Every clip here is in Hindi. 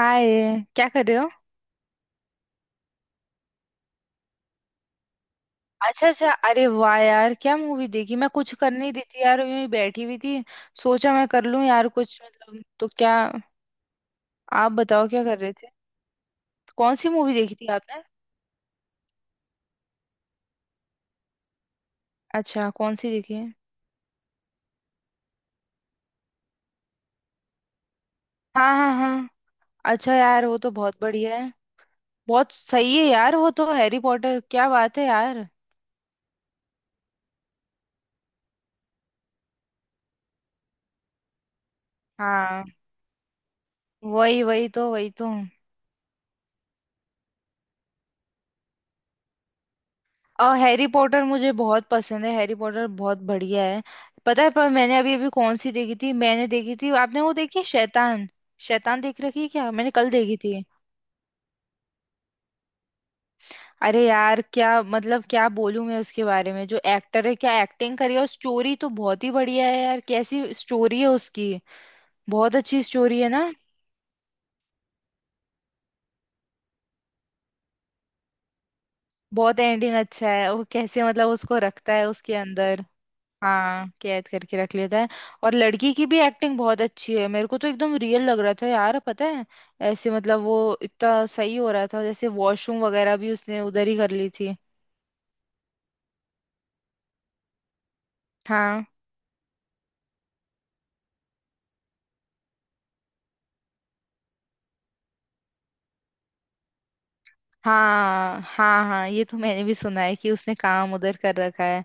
हाय। क्या कर रहे हो? अच्छा अच्छा, अरे वाह यार, क्या मूवी देखी? मैं कुछ कर नहीं रही थी यार, यूं ही बैठी हुई थी। सोचा मैं कर लूं यार कुछ, मतलब तो क्या। आप बताओ क्या कर रहे थे? कौन सी मूवी देखी थी आपने? अच्छा, कौन सी देखी है? हाँ हाँ हाँ। अच्छा यार, वो तो बहुत बढ़िया है। बहुत सही है यार वो तो, हैरी पॉटर क्या बात है यार। हाँ वही वही तो और हैरी पॉटर मुझे बहुत पसंद है, हैरी पॉटर बहुत बढ़िया है। पता है, पर मैंने अभी अभी कौन सी देखी थी? मैंने देखी थी, आपने वो देखी है शैतान? शैतान देख रखी है क्या? मैंने कल देखी थी। अरे यार क्या, मतलब क्या बोलूं मैं उसके बारे में, जो एक्टर है क्या एक्टिंग करी है, और स्टोरी तो बहुत ही बढ़िया है यार, कैसी स्टोरी है उसकी। बहुत अच्छी स्टोरी है ना। बहुत एंडिंग अच्छा है, वो कैसे मतलब उसको रखता है उसके अंदर। हाँ कैद करके रख लेता है। और लड़की की भी एक्टिंग बहुत अच्छी है, मेरे को तो एकदम रियल लग रहा था यार, पता है। ऐसे मतलब वो, इतना सही हो रहा था, जैसे वॉशरूम वगैरह भी उसने उधर ही कर ली थी। हाँ हाँ हाँ। हाँ ये तो मैंने भी सुना है कि उसने काम उधर कर रखा है।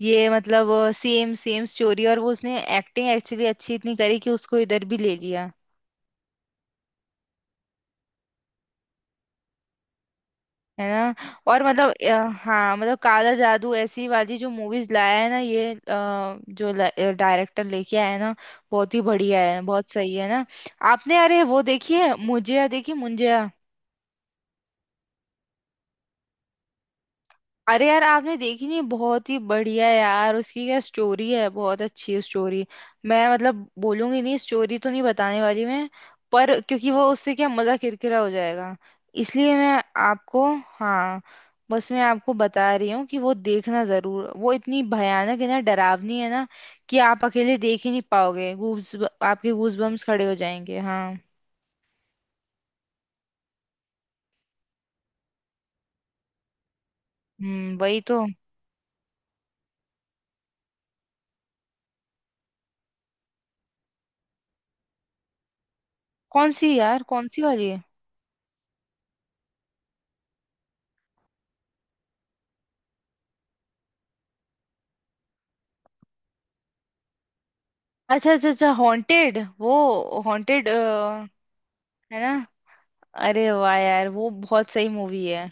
ये मतलब सेम सेम स्टोरी, और वो उसने एक्टिंग एक्चुअली अच्छी इतनी करी कि उसको इधर भी ले लिया। है ना। और मतलब हाँ मतलब काला जादू ऐसी वाली जो मूवीज लाया है ना ये, जो डायरेक्टर लेके आया है ना, बहुत ही बढ़िया है, बहुत सही है ना। आपने अरे वो देखी है, मुझे देखी मुंजिया। अरे यार आपने देखी नहीं, बहुत ही बढ़िया यार, उसकी क्या स्टोरी है बहुत अच्छी स्टोरी। मैं मतलब बोलूंगी नहीं, स्टोरी तो नहीं बताने वाली मैं। पर क्योंकि वो उससे क्या मजा किरकिरा हो जाएगा, इसलिए मैं आपको, हाँ, बस मैं आपको बता रही हूँ कि वो देखना जरूर, वो इतनी भयानक है ना, डरावनी है ना, कि आप अकेले देख ही नहीं पाओगे। गूज, आपके गूज बम्स खड़े हो जाएंगे, हाँ। वही तो। कौन सी यार, कौन सी वाली है? अच्छा अच्छा अच्छा, हॉन्टेड, वो हॉन्टेड है ना। अरे वाह यार वो बहुत सही मूवी है।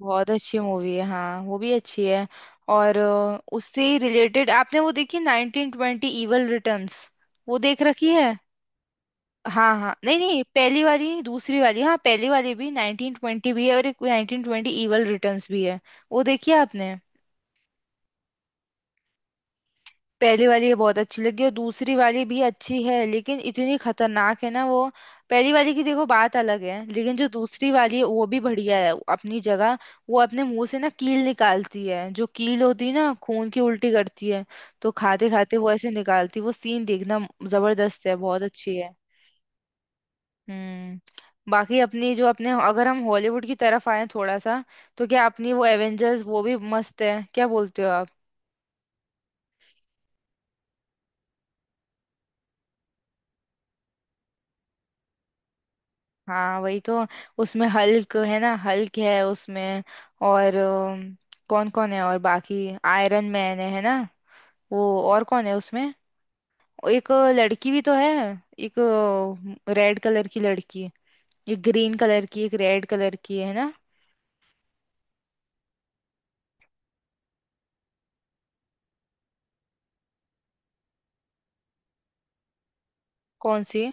बहुत अच्छी मूवी है हाँ, वो भी अच्छी है। और उससे ही रिलेटेड आपने वो देखी 1920 इवल रिटर्न्स? वो देख रखी है? हाँ हाँ नहीं नहीं, पहली वाली नहीं दूसरी वाली। हाँ पहली वाली भी 1920 भी है और एक 1920 इवल रिटर्न्स भी है। वो देखी है आपने? पहली वाली ये बहुत अच्छी लगी और दूसरी वाली भी अच्छी है, लेकिन इतनी खतरनाक है ना वो। पहली वाली की देखो बात अलग है, लेकिन जो दूसरी वाली है वो भी बढ़िया है अपनी जगह। वो अपने मुंह से ना कील निकालती है, जो कील होती है ना, खून की उल्टी करती है। तो खाते खाते वो ऐसे निकालती है। वो सीन देखना, जबरदस्त है, बहुत अच्छी है। हम्म। बाकी अपनी जो, अपने अगर हम हॉलीवुड की तरफ आए थोड़ा सा, तो क्या अपनी वो एवेंजर्स, वो भी मस्त है, क्या बोलते हो? हाँ वही तो। उसमें हल्क है ना, हल्क है उसमें। और कौन कौन है और बाकी, आयरन मैन है ना वो। और कौन है उसमें? एक लड़की भी तो है, एक रेड कलर की लड़की, एक ग्रीन कलर की एक रेड कलर की है ना। कौन सी?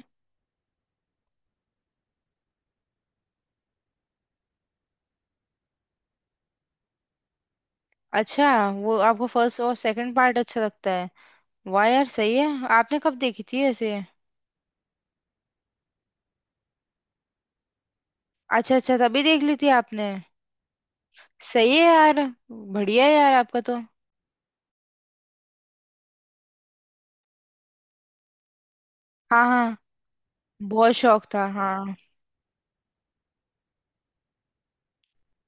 अच्छा वो आपको फर्स्ट और सेकंड पार्ट अच्छा लगता है। वाह यार सही है। आपने कब देखी थी ऐसे? अच्छा अच्छा, तभी देख ली थी आपने। सही है यार, बढ़िया है यार आपका तो। हाँ हाँ बहुत शौक था हाँ।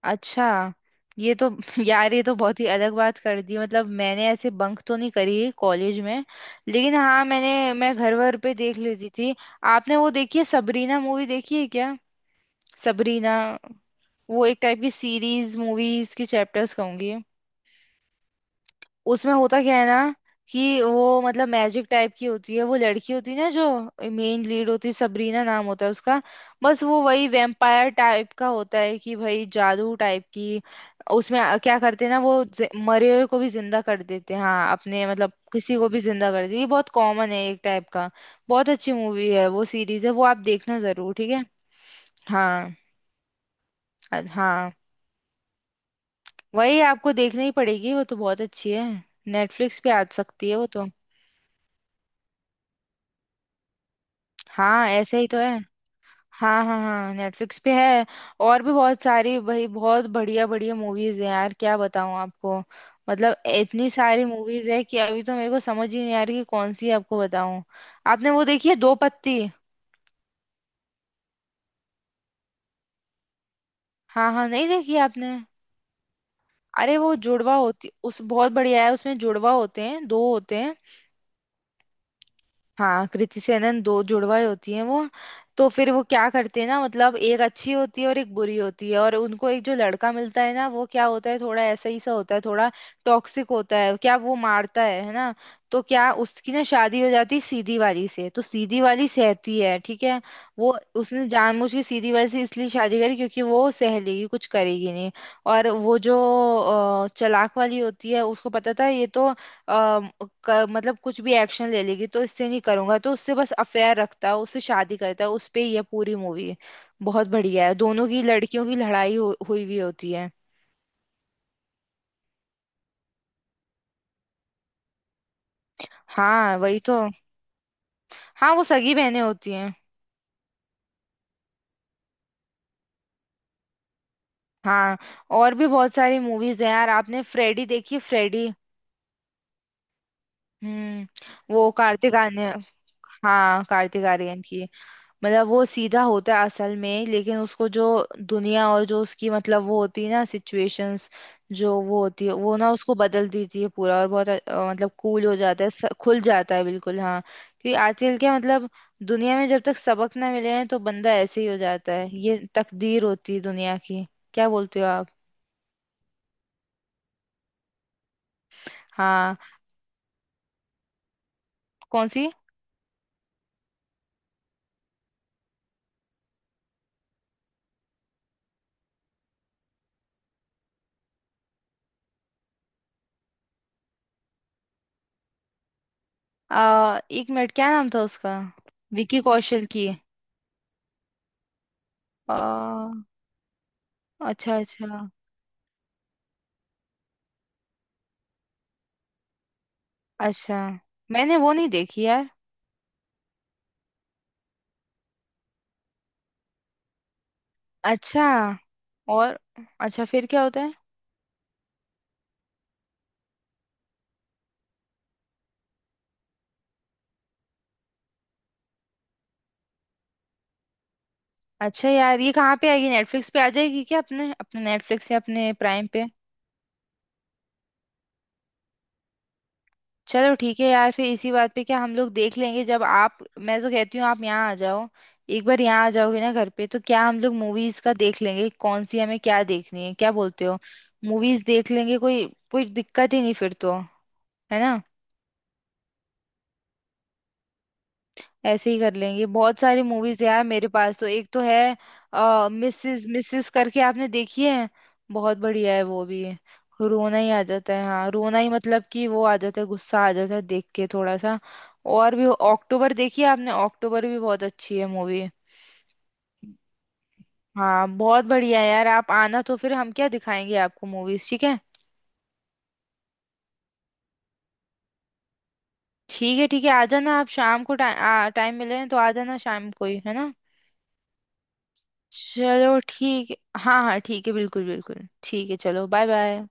अच्छा, ये तो यार ये तो बहुत ही अलग बात कर दी, मतलब मैंने ऐसे बंक तो नहीं करी कॉलेज में। लेकिन हाँ मैंने, मैं घर वर पे देख लेती थी। आपने वो देखी है सबरीना मूवी, देखी है क्या? सबरीना, वो एक टाइप की सीरीज, मूवीज की चैप्टर्स कहूंगी। उसमें होता क्या है ना कि वो, मतलब मैजिक टाइप की होती है, वो लड़की होती है ना जो मेन लीड होती है, सबरीना नाम होता है उसका। बस वो वही वेम्पायर टाइप का होता है कि भाई, जादू टाइप की, उसमें क्या करते हैं ना वो, मरे हुए को भी जिंदा कर देते हैं, हाँ अपने मतलब किसी को भी जिंदा कर देते हैं। ये बहुत कॉमन है एक टाइप का। बहुत अच्छी मूवी है, वो सीरीज है वो, आप देखना जरूर, ठीक है? हाँ हाँ, वही आपको देखना ही पड़ेगी, वो तो बहुत अच्छी है। नेटफ्लिक्स पे आ सकती है वो तो। हाँ ऐसे ही तो है। हाँ हाँ हाँ नेटफ्लिक्स पे है। और भी बहुत सारी भाई, बहुत बढ़िया बढ़िया मूवीज है यार, क्या बताऊँ आपको। मतलब इतनी सारी मूवीज है कि अभी तो मेरे को समझ ही नहीं आ रही कि कौन सी आपको बताऊँ। आपने वो देखी है दो पत्ती? हाँ हाँ नहीं देखी आपने। अरे, वो जुड़वा होती, उस बहुत बढ़िया है, उसमें जुड़वा होते हैं, दो होते हैं। हाँ कृति सेनन, दो जुड़वाएं होती हैं वो। तो फिर वो क्या करते हैं ना, मतलब एक अच्छी होती है और एक बुरी होती है, और उनको एक जो लड़का मिलता है ना, वो क्या होता है थोड़ा ऐसा ही सा होता है, थोड़ा टॉक्सिक होता है, क्या वो मारता है ना। तो क्या उसकी ना शादी हो जाती है सीधी वाली से, तो सीधी वाली सहती है ठीक है। वो उसने जानबूझ के सीधी वाली से इसलिए शादी करी क्योंकि वो सह लेगी, कुछ करेगी नहीं। और वो जो चालाक वाली होती है उसको पता था ये तो। अम, मतलब कुछ भी एक्शन ले लेगी, तो इससे नहीं करूंगा, तो उससे बस अफेयर रखता है, उससे शादी करता है, उस पे ये पूरी मूवी। बहुत बढ़िया है, दोनों की लड़कियों की लड़ाई हुई हुई होती है। हाँ वही तो। हाँ वो सगी बहनें होती हैं। हाँ, और भी बहुत सारी मूवीज हैं यार। आपने फ्रेडी देखी, फ्रेडी? हम्म। वो कार्तिक आर्यन। हाँ, कार्तिक आर्यन की, मतलब वो सीधा होता है असल में, लेकिन उसको जो दुनिया और जो उसकी मतलब वो होती है ना सिचुएशंस, जो वो होती है वो ना उसको बदल देती है पूरा, और बहुत मतलब कूल हो जाता है, खुल जाता है बिल्कुल, हाँ। क्योंकि आजकल क्या मतलब दुनिया में जब तक सबक ना मिले हैं तो बंदा ऐसे ही हो जाता है, ये तकदीर होती है दुनिया की। क्या बोलते हो आप? हाँ। कौन सी? एक मिनट क्या नाम था उसका? विकी कौशल की। आ, अच्छा अच्छा अच्छा। मैंने वो नहीं देखी यार। अच्छा। और? अच्छा फिर क्या होता है? अच्छा यार ये कहाँ पे आएगी? नेटफ्लिक्स पे आ जाएगी क्या, अपने अपने नेटफ्लिक्स या अपने प्राइम पे? चलो ठीक है यार, फिर इसी बात पे क्या, हम लोग देख लेंगे जब आप, मैं तो कहती हूँ आप यहाँ आ जाओ। एक बार यहाँ आ जाओगे ना घर पे, तो क्या हम लोग मूवीज का देख लेंगे कौन सी हमें क्या देखनी है, क्या बोलते हो? मूवीज देख लेंगे, कोई कोई दिक्कत ही नहीं फिर तो। है ना, ऐसे ही कर लेंगे। बहुत सारी मूवीज यार मेरे पास तो एक तो है। मिसेस, मिसेस करके आपने देखी है? बहुत बढ़िया है वो भी, रोना ही आ जाता है, हाँ रोना ही मतलब कि वो आ जाता है, गुस्सा आ जाता है देख के थोड़ा सा। और भी अक्टूबर देखी है आपने? अक्टूबर भी बहुत अच्छी है मूवी। हाँ बहुत बढ़िया है यार, आप आना तो फिर हम क्या दिखाएंगे आपको मूवीज ठीक है? ठीक है ठीक है, आ जाना आप शाम को, टाइम टाइम मिले तो आ जाना, शाम को ही है ना। चलो ठीक है। हाँ हाँ ठीक है, बिल्कुल बिल्कुल ठीक है, चलो बाय बाय।